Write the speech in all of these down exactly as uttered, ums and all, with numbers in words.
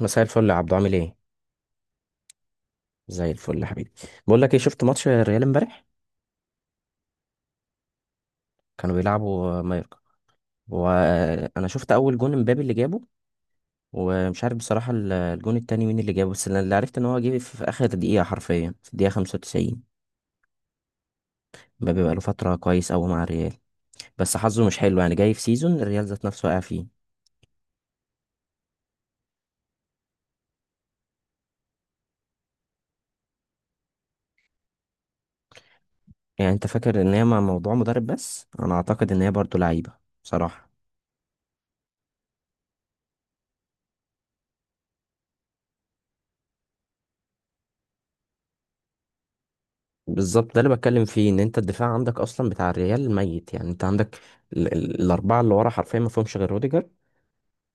مساء الفل يا عبدو، عامل ايه؟ زي الفل يا حبيبي. بقول لك ايه، شفت ماتش الريال امبارح؟ كانوا بيلعبوا مايوركا. وانا شفت اول جون امبابي اللي جابه، ومش عارف بصراحة ال- الجون التاني مين اللي جابه، بس أنا اللي عرفت ان هو جه في اخر دقيقة، حرفيا في الدقيقة خمسة وتسعين. امبابي بقاله فترة كويس قوي مع الريال، بس حظه مش حلو، يعني جاي في سيزون الريال ذات نفسه واقع فيه. يعني انت فاكر ان هي مع موضوع مدرب، بس انا اعتقد ان هي برضه لعيبة بصراحة. بالظبط ده اللي بتكلم فيه، ان انت الدفاع عندك اصلا بتاع الريال ميت. يعني انت عندك ال- ال- الاربعه اللي ورا حرفيا ما فيهمش غير روديجر.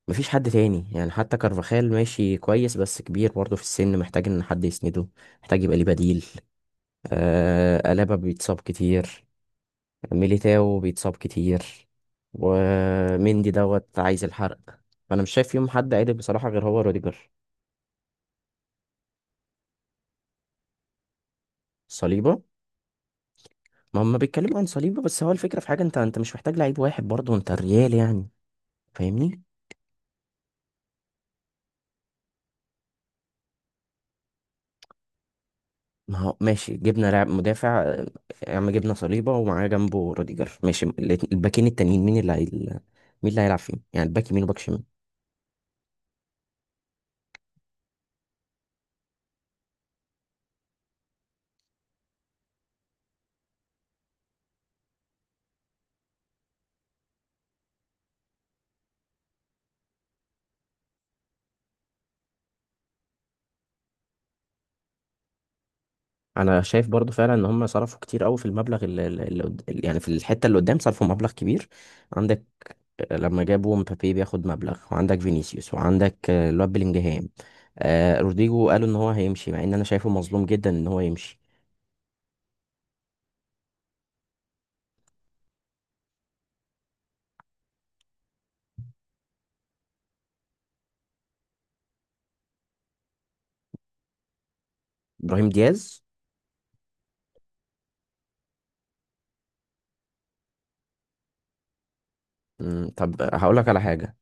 مفيش حد تاني، يعني حتى كارفاخال ماشي كويس بس كبير برضه في السن، محتاج ان حد يسنده، محتاج يبقى ليه بديل. آه الابا بيتصاب كتير، ميليتاو بيتصاب كتير، ومندي دوت عايز الحرق. فانا مش شايف فيهم حد عادل بصراحه غير هو روديجر. صليبه. ما هم بيتكلموا عن صليبه، بس هو الفكره في حاجه، انت انت مش محتاج لعيب واحد برضه، انت الريال يعني. فاهمني؟ ما هو ماشي، جبنا لاعب مدافع، آه، يا عم جبنا صليبة ومعاه جنبه روديجر، ماشي، الات- الباكين التانيين مين اللي هي... مين اللي هيلعب فيهم، يعني الباك يمين وباك شمال؟ انا شايف برضو فعلا ان هم صرفوا كتير قوي في المبلغ اللي, اللي قد- يعني في الحتة اللي قدام صرفوا مبلغ كبير. عندك، آه، لما جابوا مبابي بياخد مبلغ، وعندك فينيسيوس، وعندك آه، الواد بلينجهام. آه، روديجو قالوا ان هو هيمشي، مع ان انا شايفه مظلوم جدا ان هو يمشي. ابراهيم دياز. مم، طب هقول لك على حاجة.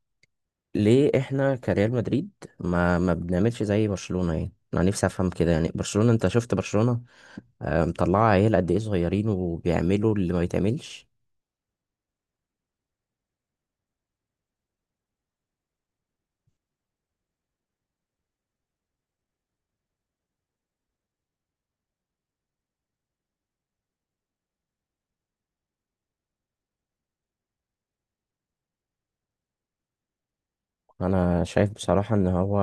ليه احنا كريال مدريد ما ما بنعملش زي برشلونة؟ يعني انا نفسي افهم كده، يعني برشلونة، انت شفت برشلونة، آه، مطلعة عيال قد ايه صغيرين وبيعملوا اللي ما بيتعملش. انا شايف بصراحة ان هو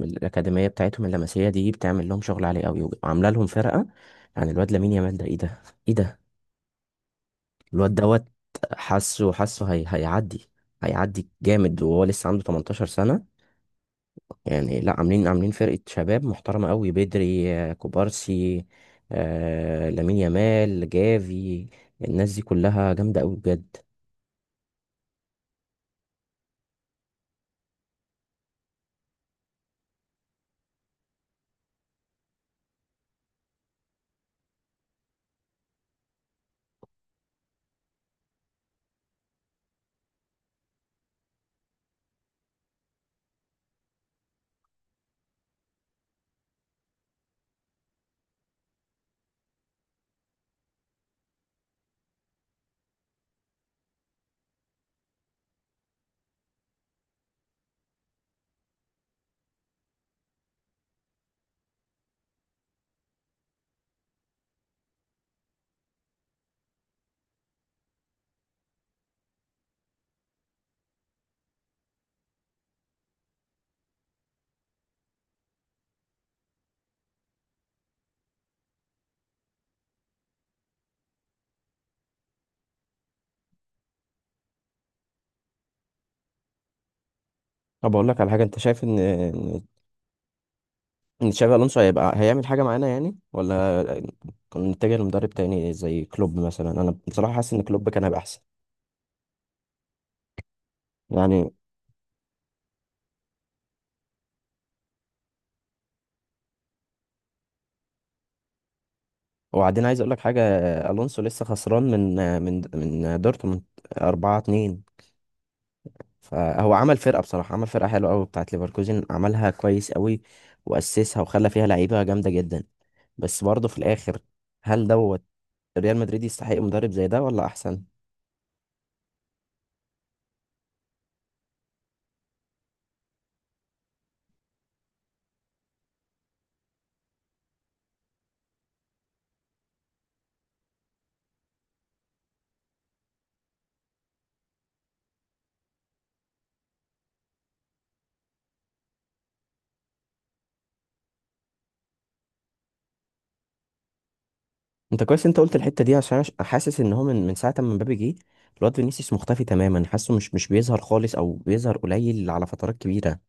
الاكاديمية بتاعتهم اللمسية دي بتعمل لهم شغل عالي قوي وعاملة لهم فرقة. يعني الواد لامين يامال ده، ايه ده؟ ايه ده؟ الواد دوت. حاسه حاسه هي... هيعدي، هيعدي جامد، وهو لسه عنده تمنتاشر سنة. يعني لا، عاملين عاملين فرقة شباب محترمة قوي بدري، آه، كوبارسي، آه لامين يامال، جافي، الناس دي كلها جامدة قوي بجد. طب اقول لك على حاجه، انت شايف ان ان إن تشابي الونسو هيبقى هيعمل حاجه معانا يعني، ولا كنا نتجه لمدرب تاني زي كلوب مثلا؟ انا بصراحه حاسس ان كلوب كان هيبقى احسن يعني. وبعدين عايز اقول لك حاجه، الونسو لسه خسران من من من دورتموند أربعة اتنين. فهو عمل فرقه بصراحه، عمل فرقه حلوه قوي بتاعت ليفركوزن، عملها كويس قوي، واسسها وخلى فيها لعيبه جامده جدا. بس برضه في الاخر، هل دوت ريال مدريد يستحق مدرب زي ده ولا احسن؟ انت كويس انت قلت الحته دي، عشان أنا حاسس ان هو من من ساعه ما مبابي جه، الواد فينيسيوس مختفي تماما، حاسه مش مش بيظهر خالص، او بيظهر قليل على فترات كبيره.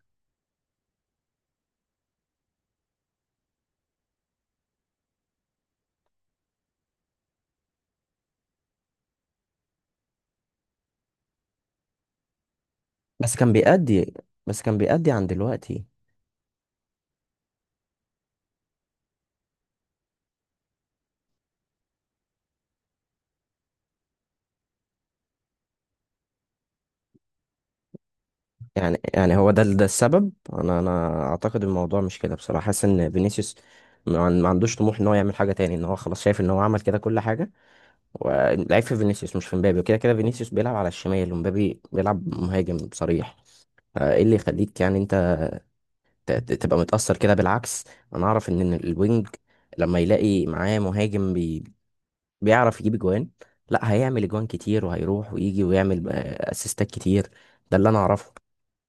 بس كان بيأدي، بس كان بيأدي عن دلوقتي. يعني يعني هو ده ال- ده السبب. انا انا اعتقد الموضوع مش كده، بصراحه حاسس ان فينيسيوس ما عن- ما عندوش طموح ان هو يعمل حاجه تاني، ان هو خلاص شايف ان هو عمل كده كل حاجه. والعيب في فينيسيوس مش في مبابي، وكده كده فينيسيوس بيلعب على الشمال ومبابي بيلعب مهاجم صريح. فايه اللي يخليك يعني انت ت- ت- تبقى متاثر كده؟ بالعكس، انا اعرف ان إن الوينج لما يلاقي معاه مهاجم بي بيعرف يجيب اجوان، لا هيعمل اجوان كتير وهيروح ويجي ويعمل آه، اسيستات كتير. ده اللي انا اعرفه.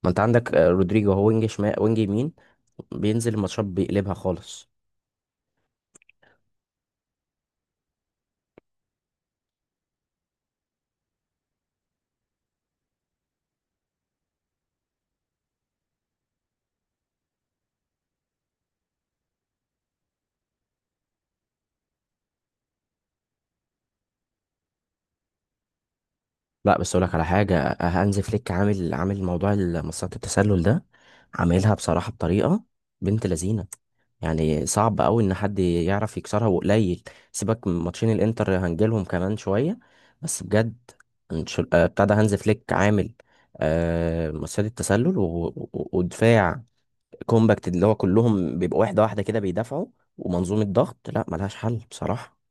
ما انت عندك آه، رودريجو هو وينج شمال وينج يمين، بينزل الماتشات بيقلبها خالص. لا بس اقول لك على حاجه، آه، هانز فليك عامل، عامل موضوع مصيدة التسلل ده عاملها بصراحه بطريقه بنت لذينه، يعني صعب قوي ان حد يعرف يكسرها وقليل. سيبك من ماتشين الانتر، هنجيلهم كمان شويه، بس بجد انش- آه، بتاع ده، هانز فليك عامل آه، مصيدة التسلل و- و- ودفاع كومباكت، اللي هو كلهم بيبقوا واحدة واحدة كده بيدافعوا، ومنظومة ضغط، لا ملهاش حل بصراحة.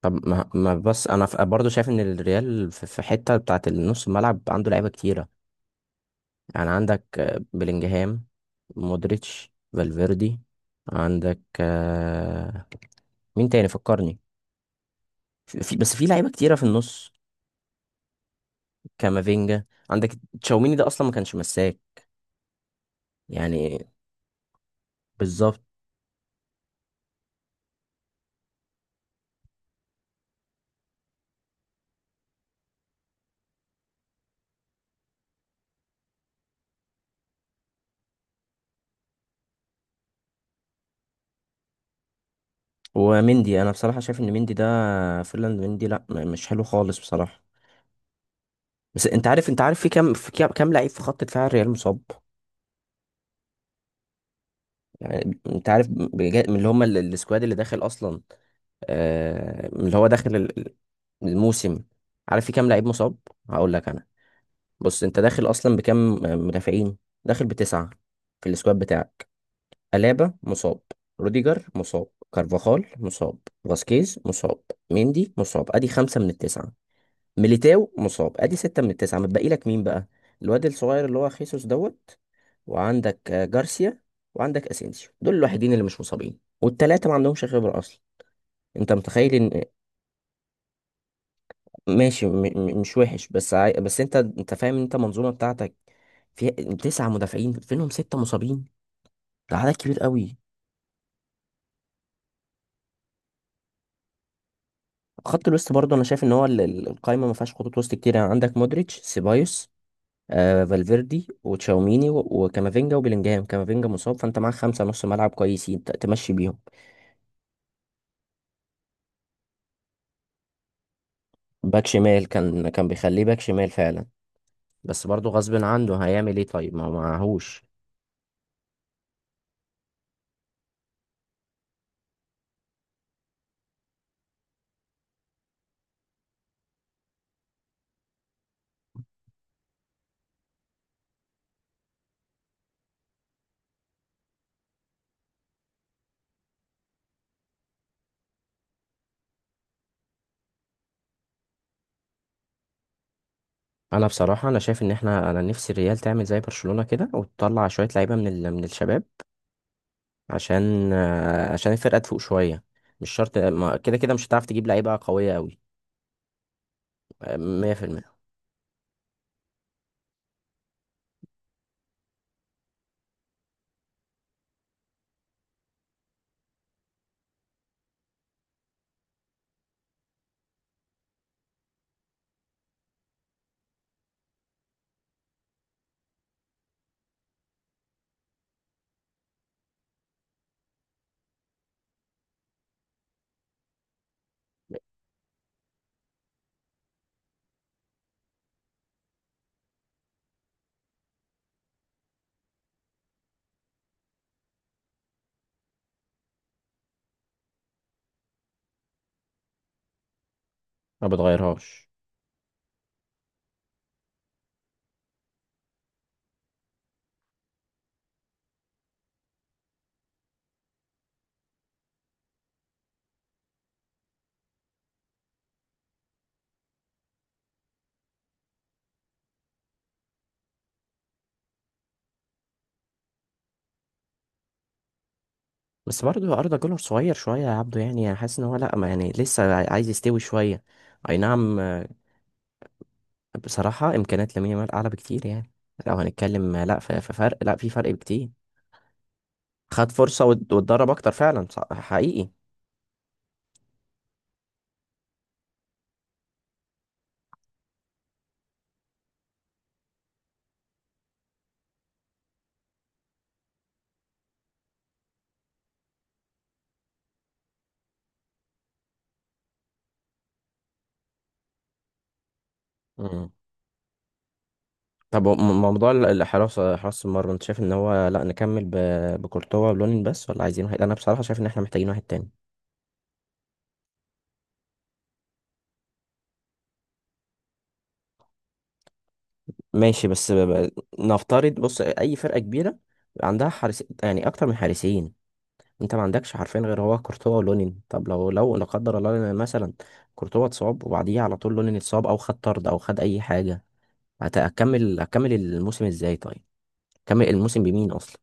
طب ما, ما بس انا ف- برضو شايف ان الريال في في حتة بتاعت النص الملعب عنده لعيبة كتيرة. يعني عندك آه، بلينجهام، مودريتش، فالفيردي، عندك آه، مين تاني فكرني، في في- بس في لعيبة كتيرة في النص. كامافينجا عندك، تشاوميني ده اصلا ما كانش مساك يعني. بالظبط. ومندي، انا بصراحة شايف ان مندي ده، فيرلاند مندي لا م- مش حلو خالص بصراحة. بس انت عارف، انت عارف في كام، في كام كام لعيب في خط دفاع الريال مصاب؟ يعني انت عارف بجا- من اللي هم ال- السكواد اللي داخل اصلا، آه من اللي هو داخل ال- ال- الموسم؟ عارف في كام لعيب مصاب؟ هقول لك انا. بص، انت داخل اصلا بكام مدافعين؟ داخل بتسعة في السكواد بتاعك. ألابا مصاب، روديجر مصاب، كارفاخال مصاب، فاسكيز مصاب، ميندي مصاب، ادي خمسة من التسعة. ميليتاو مصاب، ادي ستة من التسعة، متبقي لك مين بقى؟ الواد الصغير اللي هو خيسوس دوت، وعندك آه، جارسيا، وعندك اسينسيو. دول الوحيدين اللي مش مصابين، والتلاتة ما عندهمش خبرة اصلا. انت متخيل ان... ماشي م... م... مش وحش بس عاي... بس انت، انت فاهم ان انت المنظومة بتاعتك فيها تسعة مدافعين فينهم ستة مصابين؟ ده عدد كبير قوي. خط الوسط برضه انا شايف ان هو ال- ال- القايمة ما فيهاش خطوط وسط كتير، يعني عندك مودريتش، سيبايوس، آه فالفيردي، وتشاوميني، و- وكامافينجا، وبيلينجهام. كامافينجا مصاب، فانت معاك خمسة نص ملعب كويسين ت- تمشي بيهم. باك شمال، كان كان بيخليه باك شمال فعلا، بس برضه غصب عنه هيعمل ايه، طيب ما هو معهوش. انا بصراحة انا شايف ان احنا، انا نفسي الريال تعمل زي برشلونة كده وتطلع شوية لعيبة من ال... من الشباب، عشان آه، عشان الفرقة تفوق شوية. مش شرط، ما- كده كده مش هتعرف تجيب لعيبة قوية قوي مية في المية. ما بتغيرهاش. بس برضه أردا جولر صغير شوية يا عبده، يعني أنا حاسس إن هو لأ، ما يعني لسه عايز يستوي شوية. أي نعم آه، بصراحة إمكانيات لامين يامال أعلى بكتير يعني، لو هنتكلم آه، لأ في في فرق، لأ في فرق بكتير. خد فرصة وات- واتدرب أكتر فعلا، صح- حقيقي. مم. طب و- م- موضوع ال- الحراسة، حراسة، حراسة المرمى، أنت شايف إن هو لأ نكمل ب- بكورتوا ولونين بس، ولا عايزين واحد؟ أنا بصراحة شايف إن إحنا محتاجين واحد تاني. ماشي بس ب- ب- نفترض، بص أي فرقة كبيرة عندها حارس، يعني أكتر من حارسين، انت ما عندكش حرفين غير هو كورتوا ولونين. طب لو لو لا قدر الله لنا مثلا كورتوا اتصاب، وبعديه على طول لونين اتصاب، او خد طرد او خد اي حاجه، هت- هتكمل، هتكمل الموسم ازاي طيب؟ هتكمل الموسم بمين اصلا؟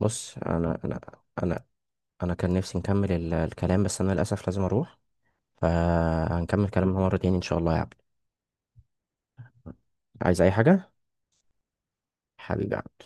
بص، انا انا انا انا كان نفسي نكمل ال- الكلام، بس انا للاسف لازم اروح، فهنكمل كلامنا مره تاني ان شاء الله يا عبد. عايز اي حاجه؟ حبيبي يا عبد.